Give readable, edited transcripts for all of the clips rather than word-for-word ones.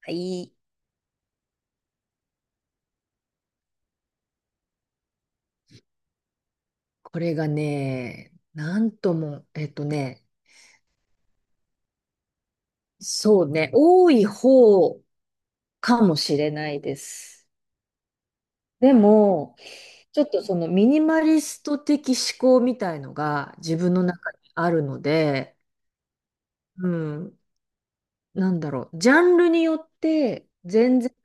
はい。これがね、なんとも、そうね、多い方かもしれないです。でも、ちょっとそのミニマリスト的思考みたいのが自分の中にあるので、うん、なんだろう、ジャンルによって全然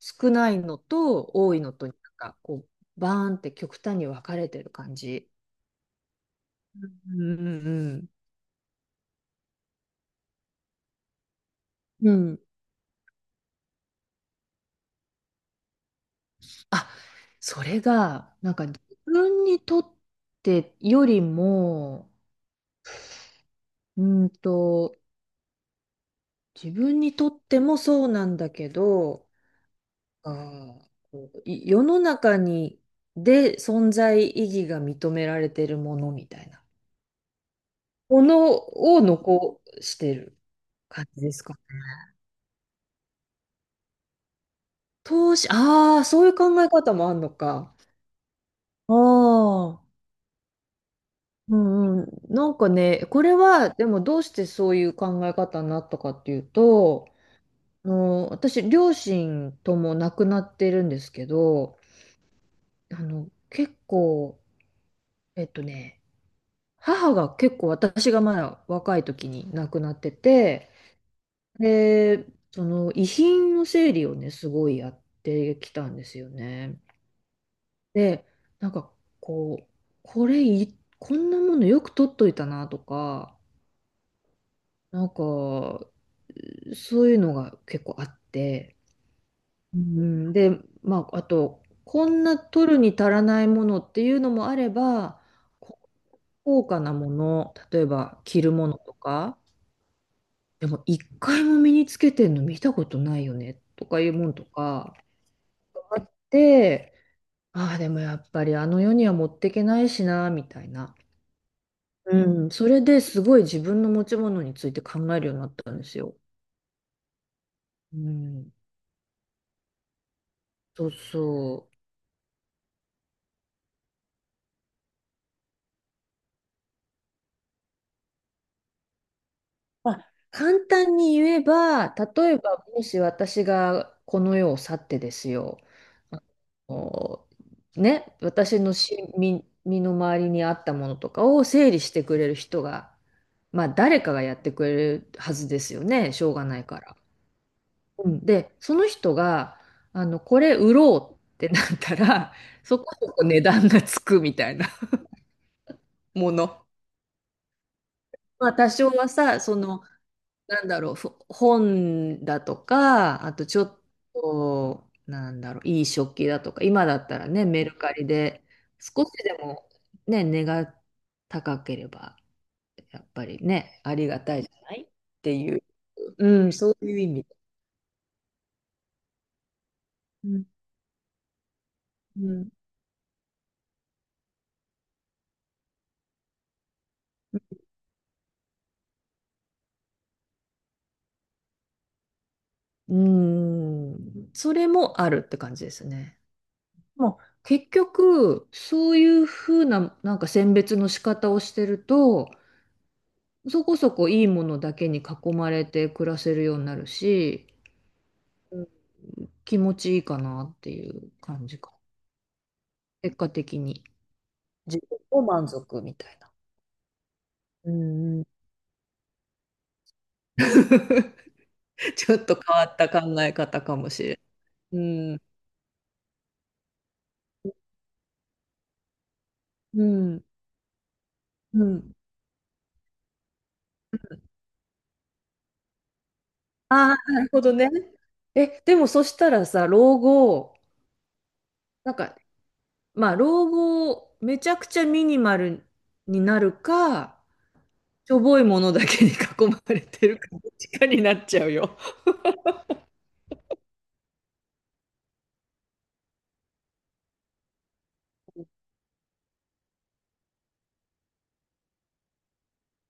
少ないのと多いのと、なんかこう、バーンって極端に分かれてる感じ。うんうんうん。うん、あ、それが、なんか自分にとってよりも、うんと、自分にとってもそうなんだけど、あー、こうい世の中に、で存在意義が認められてるものみたいなものを残してる感じですかね。投資、ああ、そういう考え方もあるのか。ああ。うんうん、なんかね、これはでもどうしてそういう考え方になったかっていうと、あの私、両親とも亡くなってるんですけど、あの結構、えっとね、母が結構私がまだ若い時に亡くなってて、で、その遺品の整理をね、すごいやってきたんですよね。で、なんかこう、これい、こんなものよく取っといたなとか、なんか、そういうのが結構あって、うん、で、まあ、あと、こんな取るに足らないものっていうのもあれば、こう高価なもの、例えば着るものとか、でも一回も身につけてんの見たことないよねとかいうもんとかあって、ああ、でもやっぱりあの世には持ってけないしな、みたいな。うん、それですごい自分の持ち物について考えるようになったんですよ。うん、そうそう。まあ、簡単に言えば、例えばもし私がこの世を去ってですよ、あのね、私の身の回りにあったものとかを整理してくれる人が、まあ誰かがやってくれるはずですよね、しょうがないから。うん、で、その人が、あの、これ売ろうってなったら、そこそこ値段がつくみたいなもの。まあ多少はさ、その、なんだろう、本だとか、あとちょっと、なんだろう、いい食器だとか、今だったらね、メルカリで、少しでもね、値が高ければ、やっぱりね、ありがたいじゃないっていう、うん、そういう意味で。うんうん、うん、それもあるって感じですね。もう結局、そういうふうな、なんか選別の仕方をしてると、そこそこいいものだけに囲まれて暮らせるようになるし、うん、気持ちいいかなっていう感じか。結果的に。自分も満足みたいな。うんうん。ちょっと変わった考え方かもしれない。うん。うん。うん。ああ、なるほどね。え、でもそしたらさ、老後、なんか、まあ、老後、めちゃくちゃミニマルになるか、しょぼいものだけに囲まれてるか、どっちかになっちゃうよ。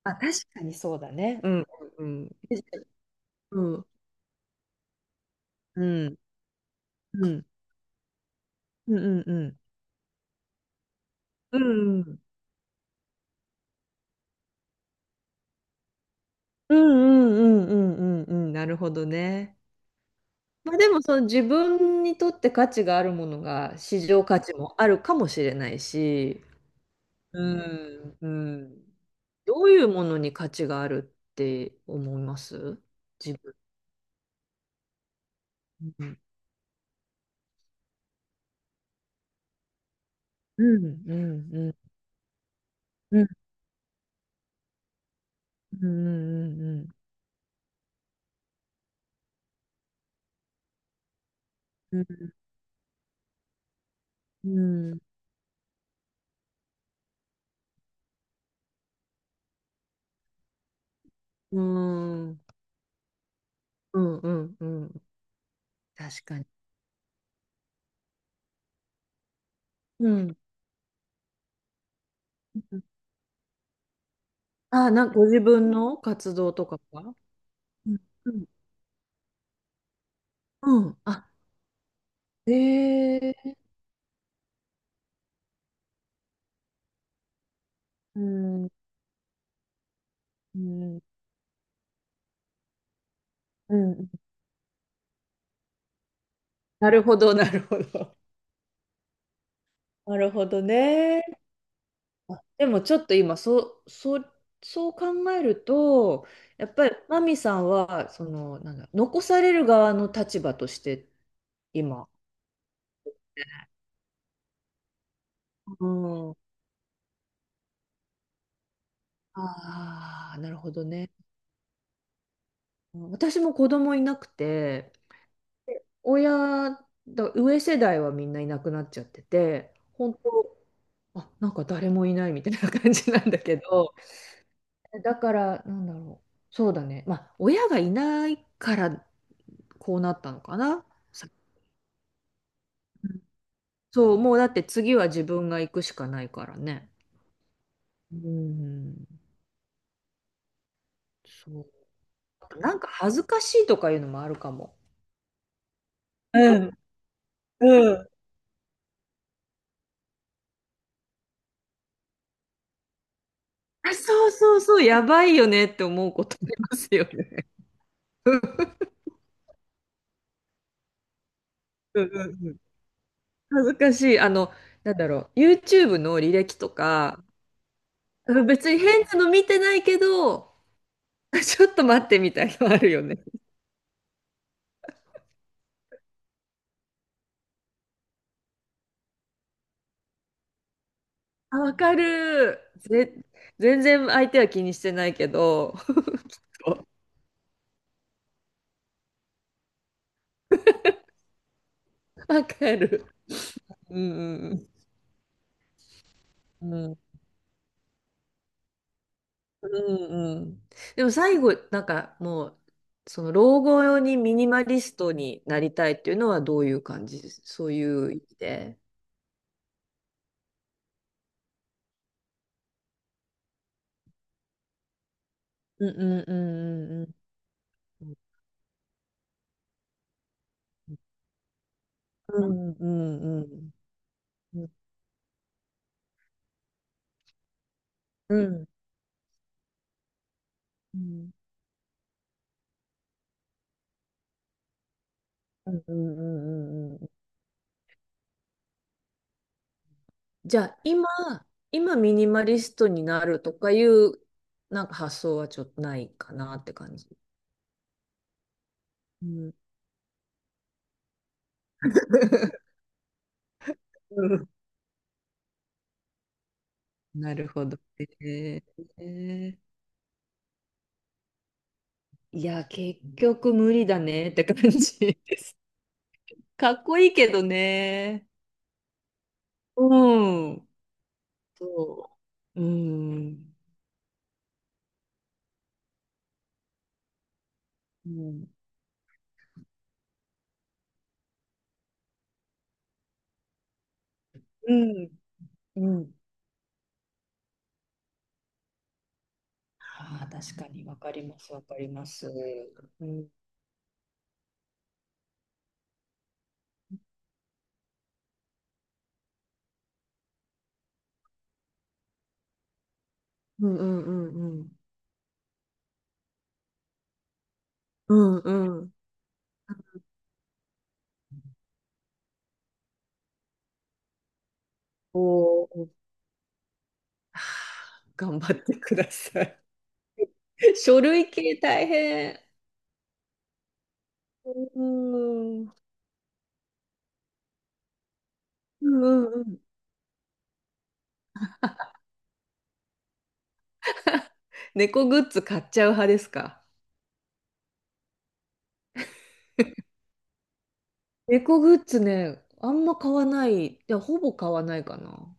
あ、確かにそうだね。うん。うん。うん。うん。うん。うんうんうん。うん。うんうんうんうんうんうん。なるほどね。まあでもその自分にとって価値があるものが市場価値もあるかもしれないし、うんうん。どういうものに価値があるって思います？自分。んうんうんうんうんうんうんうんうんうんうんうんうんうんうん。確かに。うん。あ、なんかご自分の活動とかは？うんうんうん。あ、ええうん、うん、うん。なるほど、なるほど。なるほどね。あでもちょっと今、そう考えると、やっぱりマミさんは、その、なんだ、残される側の立場として、今。うん。ああ、なるほどね。私も子供いなくて、で親だ、上世代はみんないなくなっちゃってて、本当、あ、なんか誰もいないみたいな感じなんだけど、だから、なんだろう、そうだね、まあ、親がいないからこうなったのかな。さ、うん。そう、もうだって次は自分が行くしかないからね。うん、そう。あとなんか恥ずかしいとかいうのもあるかも。うん、うん。あ、そうそうそう、やばいよねって思うことありますよね。うんうんうんうん。恥ずかしい。あの、なんだろう。YouTube の履歴とか、うん、別に変なの見てないけど、ちょっと待ってみたいのあるよね。あ、わかる。全然相手は気にしてないけど、わかる。うんうんうん。うんうん。でも最後、なんかもう、その老後用にミニマリストになりたいっていうのはどういう感じです？そういう意味で。うんうんうんうんうん。うんうんうんうん。うん。うん、うんうんうんうんうん。じゃあ今、ミニマリストになるとかいうなんか発想はちょっとないかなって感じ。うん、うん。なるほどね。ーいや、結局無理だねって感じです。かっこいいけどね。うん。そう。うん。うん。うん。うん。ああ、確かにわかります、わかります。うんうんうんうんうん。うんうん。おー、頑張ってください。書類系大変。うん。うんうんうん。猫グッズ買っちゃう派ですか？猫グッズね、あんま買わない。いや、ほぼ買わないかな。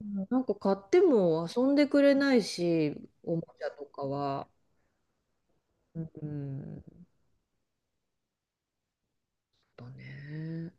うん、なんか買っても遊んでくれないし、おもちゃとかは。うん。だね。